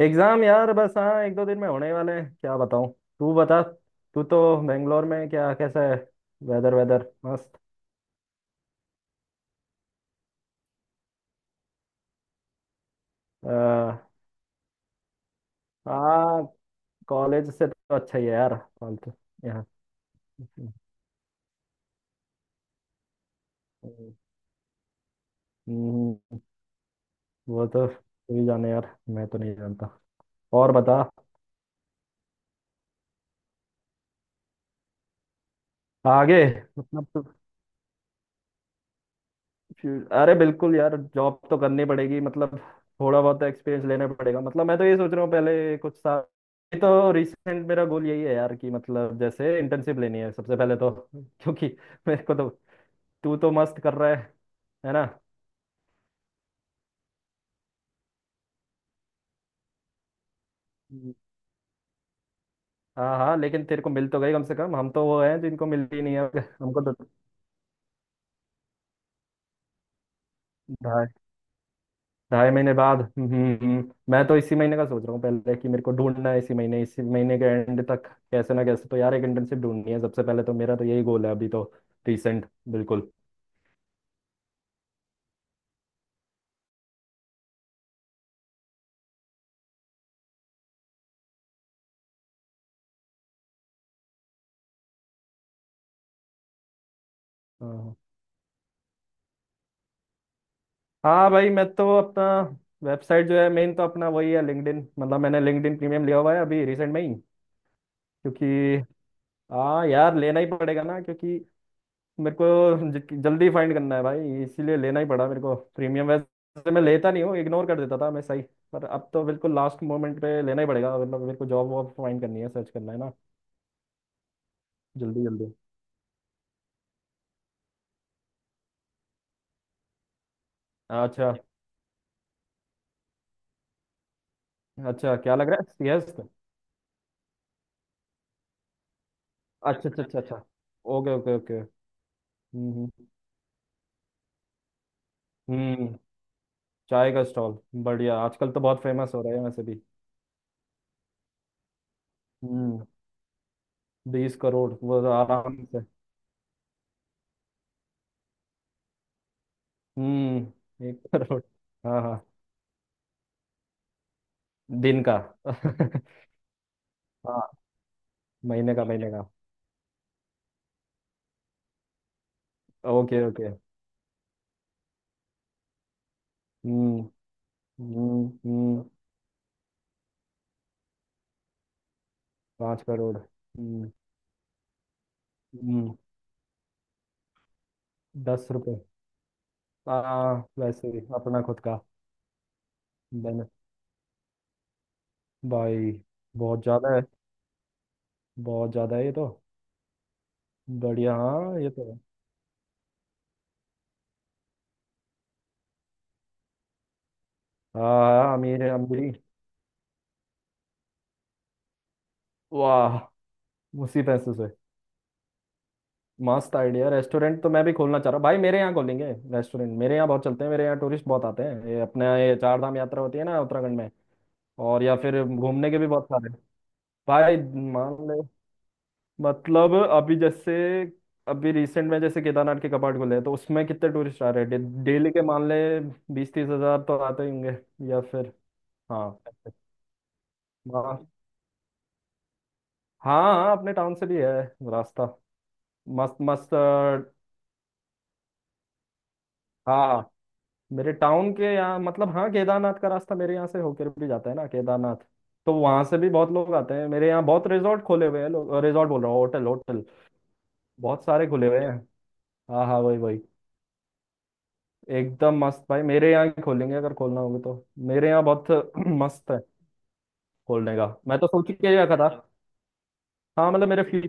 Exam यार, बस हाँ। 1 2 दिन में होने वाले हैं, क्या बताऊँ। तू बता। तू तो बेंगलोर में, क्या कैसा है? वेदर वेदर मस्त। अ, हाँ, कॉलेज से तो अच्छा ही है यार, फालतू यहाँ। हम्म। वो तो तू ही जाने यार, मैं तो नहीं जानता। और बता। आगे मतलब। अरे बिल्कुल यार, जॉब तो करनी पड़ेगी मतलब। थोड़ा बहुत एक्सपीरियंस लेना पड़ेगा, मतलब मैं तो ये सोच रहा हूँ पहले कुछ साल। ये तो रिसेंट मेरा गोल यही है यार, कि मतलब जैसे इंटर्नशिप लेनी है सबसे पहले तो क्योंकि मेरे को तो। तू तो मस्त कर रहा है ना? हम्म। हाँ हाँ, लेकिन तेरे को मिल तो गई कम से कम, हम तो वो हैं जिनको मिलती नहीं है। हमको तो 2.5 महीने बाद। मैं तो इसी महीने का सोच रहा हूँ पहले, कि मेरे को ढूंढना है इसी महीने, इसी महीने के एंड तक। कैसे ना कैसे तो यार, एक इंटर्नशिप ढूंढनी है सबसे पहले तो, मेरा तो यही गोल है अभी तो। रिसेंट। बिल्कुल। हाँ हाँ भाई, मैं तो अपना। वेबसाइट जो है मेन तो अपना वही है लिंक्डइन, मतलब मैंने लिंक्डइन प्रीमियम लिया हुआ है अभी रिसेंट में ही। क्योंकि हाँ यार, लेना ही पड़ेगा ना, क्योंकि मेरे को जल्दी फाइंड करना है भाई, इसीलिए लेना ही पड़ा मेरे को प्रीमियम, वैसे मैं लेता नहीं हूँ, इग्नोर कर देता था मैं सही। पर अब तो बिल्कुल लास्ट मोमेंट पे लेना ही पड़ेगा मतलब, मेरे को जॉब वॉब फाइंड करनी है, सर्च करना है ना जल्दी जल्दी। अच्छा। अच्छा क्या लग रहा है, सीएस? अच्छा अच्छा अच्छा अच्छा। Okay okay okay. Hmm. Hmm hmm, चाय का स्टॉल बढ़िया, आजकल तो बहुत फेमस हो रहे हैं वैसे भी। हम्म। 20 करोड़ वो तो आराम से। हम्म, 1 करोड़। हाँ हाँ। दिन का? हाँ। महीने का महीने का। Okay okay. Hmm hmm. हम्म, 5 करोड़। हम्म। हम्म 10 रुपये। आ, वैसे ही, अपना खुद का। बन। भाई बहुत ज्यादा है। बहुत ज्यादा है ये तो। बढ़िया, हाँ ये तो है। हाँ हाँ, अमीर है अमीरी। वाह। उसी पैसे से। मस्त आइडिया, रेस्टोरेंट तो मैं भी खोलना चाह रहा हूँ भाई, मेरे यहाँ खोलेंगे रेस्टोरेंट, मेरे यहाँ बहुत चलते हैं, मेरे यहाँ टूरिस्ट बहुत आते हैं, ये अपने यहाँ ये चार धाम यात्रा होती है ना उत्तराखंड में। और या फिर घूमने के भी बहुत सारे। भाई मान ले। मतलब अभी जैसे। अभी रिसेंट में जैसे केदारनाथ के कपाट खुले हैं, तो उसमें कितने टूरिस्ट आ रहे हैं डेली के, मान ले 20 30 हजार तो आते ही होंगे। या फिर। हाँ हाँ हाँ हाँ, अपने टाउन से भी है रास्ता, मस्त मस्त। हाँ, मेरे टाउन के यहाँ मतलब, हाँ केदारनाथ का रास्ता मेरे यहाँ से होकर भी जाता है ना, केदारनाथ। तो वहां से भी बहुत लोग आते हैं, मेरे यहाँ बहुत रिजॉर्ट खोले हुए हैं लोग, रिजॉर्ट बोल रहा हूँ, होटल होटल बहुत सारे खुले हुए हैं। हाँ हाँ वही वही, एकदम मस्त भाई, मेरे यहाँ ही खोलेंगे, अगर खोलना होगा तो मेरे यहाँ बहुत मस्त है। खोलने का मैं तो सोच ही के रखा था। हाँ मतलब मेरे फ्यू।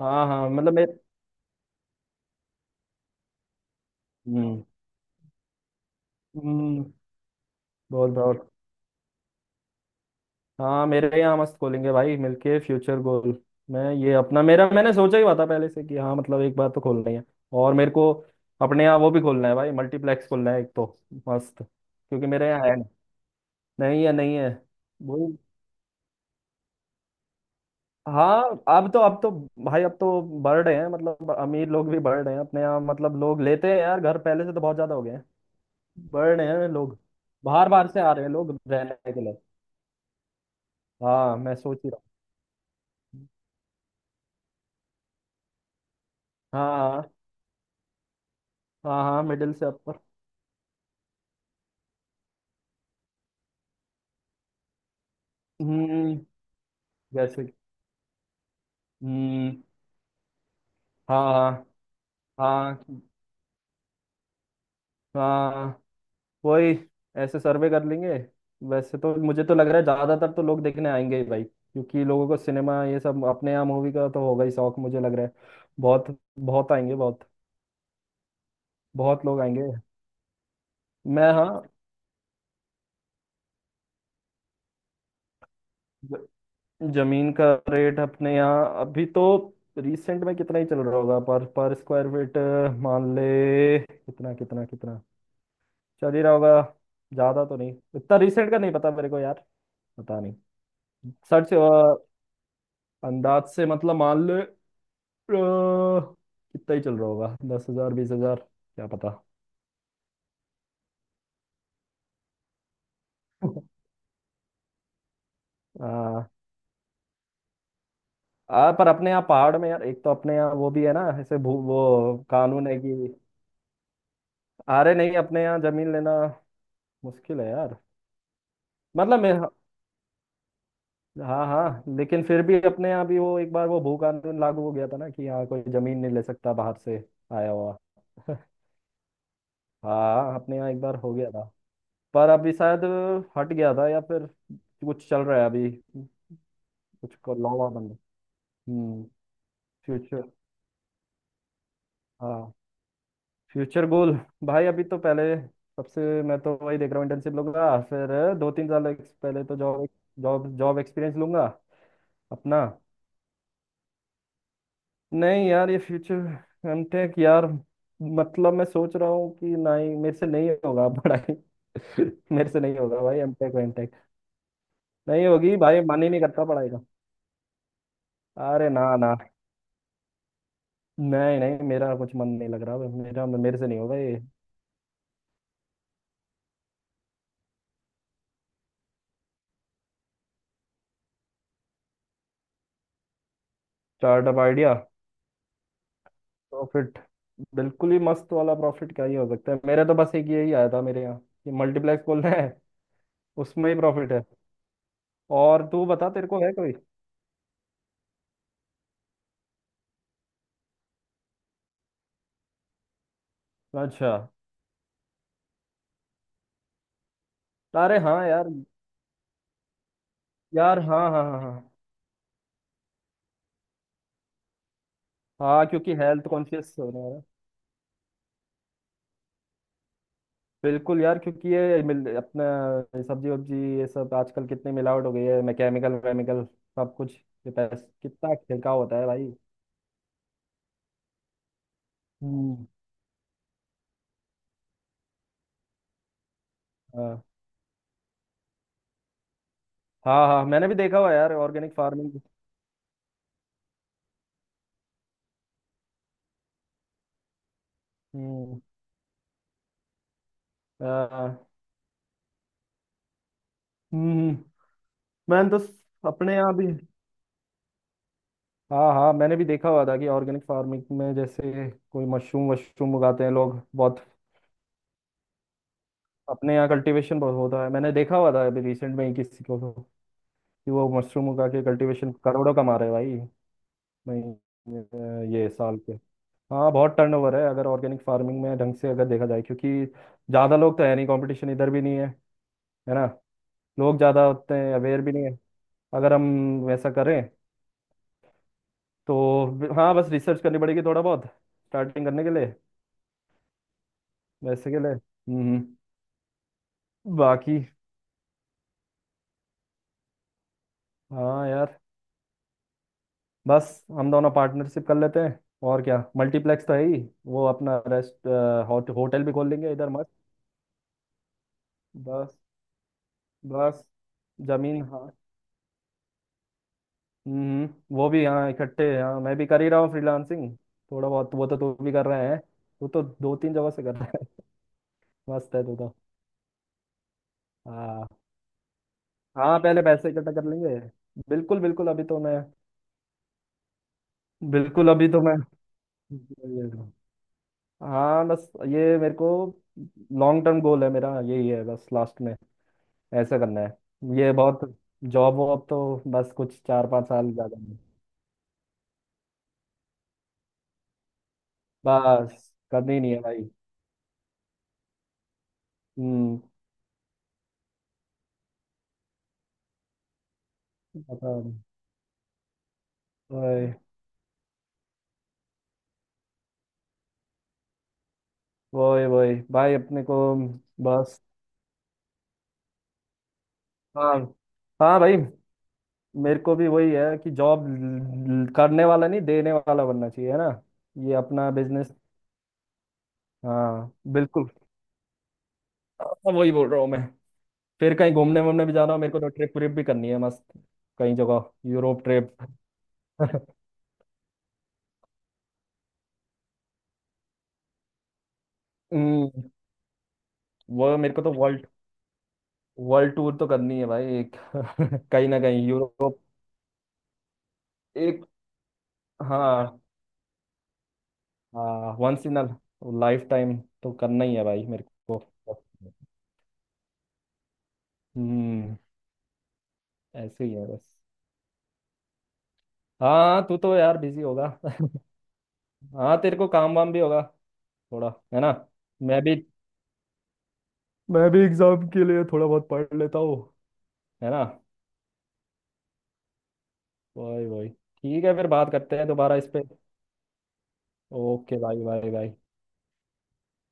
हाँ हाँ मतलब मेरे। हम्म हम्म, बहुत बहुत। हाँ मेरे यहाँ मस्त खोलेंगे भाई मिलके, फ्यूचर गोल। मैं ये अपना, मेरा मैंने सोचा ही हुआ था पहले से कि हाँ मतलब एक बार तो खोलना ही है। और मेरे को अपने यहाँ वो भी खोलना है भाई, मल्टीप्लेक्स खोलना है एक तो मस्त, क्योंकि मेरे यहाँ है नहीं। नहीं है नहीं है। वही। हाँ अब तो अब तो, भाई अब तो बढ़ रहे हैं, मतलब अमीर लोग भी बढ़ रहे हैं अपने यहाँ, मतलब लोग लेते हैं यार घर, पहले से तो बहुत ज्यादा हो गए हैं। बढ़ रहे हैं लोग। बाहर बाहर से आ रहे हैं लोग रहने के लिए। हाँ मैं सोच ही रहा हूँ। हाँ। हाँ हाँ मिडिल से अपर। हम्म। जैसे कि-। हम्म। हाँ हाँ। हाँ वही, ऐसे सर्वे कर लेंगे। वैसे तो मुझे तो लग रहा है ज्यादातर तो लोग देखने आएंगे ही भाई, क्योंकि लोगों को सिनेमा ये सब, अपने यहाँ मूवी का तो होगा ही शौक मुझे लग रहा है। बहुत बहुत आएंगे बहुत। बहुत लोग आएंगे। मैं, हाँ। ज- जमीन का रेट अपने यहाँ अभी तो, रिसेंट में कितना ही चल रहा होगा पर स्क्वायर फीट, मान ले कितना कितना कितना चल ही रहा होगा। ज्यादा तो नहीं, इतना रिसेंट का नहीं पता मेरे को यार, पता नहीं। सच। अंदाज से मतलब मान ले, कितना ही चल रहा होगा, 10 हजार 20 हजार, क्या पता। आ, आ, पर अपने यहाँ पहाड़ में यार, एक तो अपने यहाँ वो भी है ना ऐसे, भू वो कानून है कि। अरे नहीं, अपने यहाँ जमीन लेना मुश्किल है यार। मतलब मैं, हाँ हाँ, लेकिन फिर भी अपने यहाँ भी वो एक बार वो भू कानून लागू हो गया था ना, कि यहाँ कोई जमीन नहीं ले सकता बाहर से आया हुआ। हाँ अपने यहाँ एक बार हो गया था। पर अभी शायद हट गया था या फिर, कुछ चल रहा है अभी। कुछ लॉ बंद। हम्म। फ्यूचर। हाँ फ्यूचर गोल। भाई अभी तो पहले सबसे, मैं तो वही देख रहा हूँ, इंटर्नशिप लूंगा, फिर 2 3 साल पहले तो जॉब। जॉब, जॉब एक्सपीरियंस लूंगा। अपना, नहीं यार ये फ्यूचर एमटेक यार। मतलब मैं सोच रहा हूँ कि नहीं मेरे से नहीं होगा पढ़ाई। मेरे से नहीं होगा भाई एमटेक वेमटेक। नहीं होगी भाई, मन ही नहीं करता पढ़ाई का। अरे ना ना, नहीं नहीं मेरा कुछ मन नहीं लग रहा, मेरा मेरे से नहीं होगा ये। Startup idea, profit? बिल्कुल ही मस्त वाला प्रॉफिट क्या ही हो सकता है, मेरे तो बस एक यही आया था मेरे यहाँ कि मल्टीप्लेक्स खोलना है, उसमें ही प्रॉफिट है। और तू बता, तेरे को है कोई? अच्छा। अरे हाँ यार। यार हाँ हाँ हाँ हाँ। हाँ क्योंकि हेल्थ कॉन्शियस होने वाला है। बिल्कुल यार, क्योंकि ये मिल अपना सब्जी वब्जी ये सब, आजकल कितनी मिलावट हो गई है, मैं केमिकल वेमिकल सब कुछ, ये पैस कितना छिड़काव होता है भाई। हम्म। हाँ हाँ। हाँ मैंने भी देखा हुआ है यार ऑर्गेनिक फार्मिंग। हम्म। हाँ, हाँ। हम्म हम्म। मैंने तो अपने यहाँ भी। हाँ हाँ मैंने भी देखा हुआ था कि ऑर्गेनिक फार्मिंग में, जैसे कोई मशरूम वशरूम उगाते हैं लोग बहुत, अपने यहाँ कल्टीवेशन बहुत होता है। मैंने देखा हुआ था अभी रिसेंट में ही किसी को तो, कि वो मशरूम उगा के कल्टीवेशन करोड़ों कमा रहे हैं भाई। नहीं ये साल के। हाँ बहुत टर्नओवर है अगर ऑर्गेनिक फार्मिंग में ढंग से अगर देखा जाए, क्योंकि ज़्यादा लोग तो है नहीं, कंपटीशन इधर भी नहीं है, है ना? लोग ज़्यादा होते हैं, अवेयर भी नहीं है। अगर हम वैसा करें तो, हाँ बस रिसर्च करनी पड़ेगी थोड़ा बहुत स्टार्टिंग करने के लिए। वैसे के लिए बाकी, हाँ यार, बस हम दोनों पार्टनरशिप कर लेते हैं। और क्या, मल्टीप्लेक्स तो है ही, वो अपना रेस्ट, होटल भी खोल लेंगे इधर मस्त। बस बस जमीन हाँ। हम्म वो भी हाँ, इकट्ठे हाँ मैं भी कर ही रहा हूँ फ्रीलांसिंग थोड़ा बहुत, वो तो तू भी कर रहे हैं, तू तो 2 3 जगह से कर रहा है। मस्त है तू तो। हाँ हाँ पहले पैसे इकट्ठा कर लेंगे। बिल्कुल बिल्कुल अभी तो मैं, बिल्कुल अभी तो मैं, हाँ बस ये मेरे को लॉन्ग टर्म गोल है, मेरा यही है बस लास्ट में ऐसा करना है। ये बहुत, जॉब वॉब तो बस कुछ 4 5 साल, ज़्यादा नहीं। बस करनी नहीं है भाई। हम्म। पता नहीं। वही वही वही भाई अपने को। बस हाँ हाँ भाई, मेरे को भी वही है कि जॉब करने वाला नहीं, देने वाला बनना चाहिए, है ना? ये अपना बिजनेस। हाँ बिल्कुल। हाँ, वही बोल रहा हूँ मैं। फिर कहीं घूमने वूमने भी जाना हो मेरे को तो ट्रिप व्रिप भी करनी है मस्त, कई जगह। Europe trip. हम्म, वो मेरे को तो वर्ल्ड वर्ल्ड टूर तो करनी है भाई एक। कहीं ना कहीं यूरोप। एक, हाँ हाँ। Once in a lifetime तो करना ही है भाई मेरे को। हम्म। ऐसे ही है बस। हाँ तू तो यार बिजी होगा। हाँ तेरे को काम वाम भी होगा थोड़ा, है ना? मैं भी, मैं भी एग्जाम के लिए थोड़ा बहुत पढ़ लेता हूँ, है ना? वही वही ठीक है, फिर बात करते हैं दोबारा इस पे। Okay bye bye bye.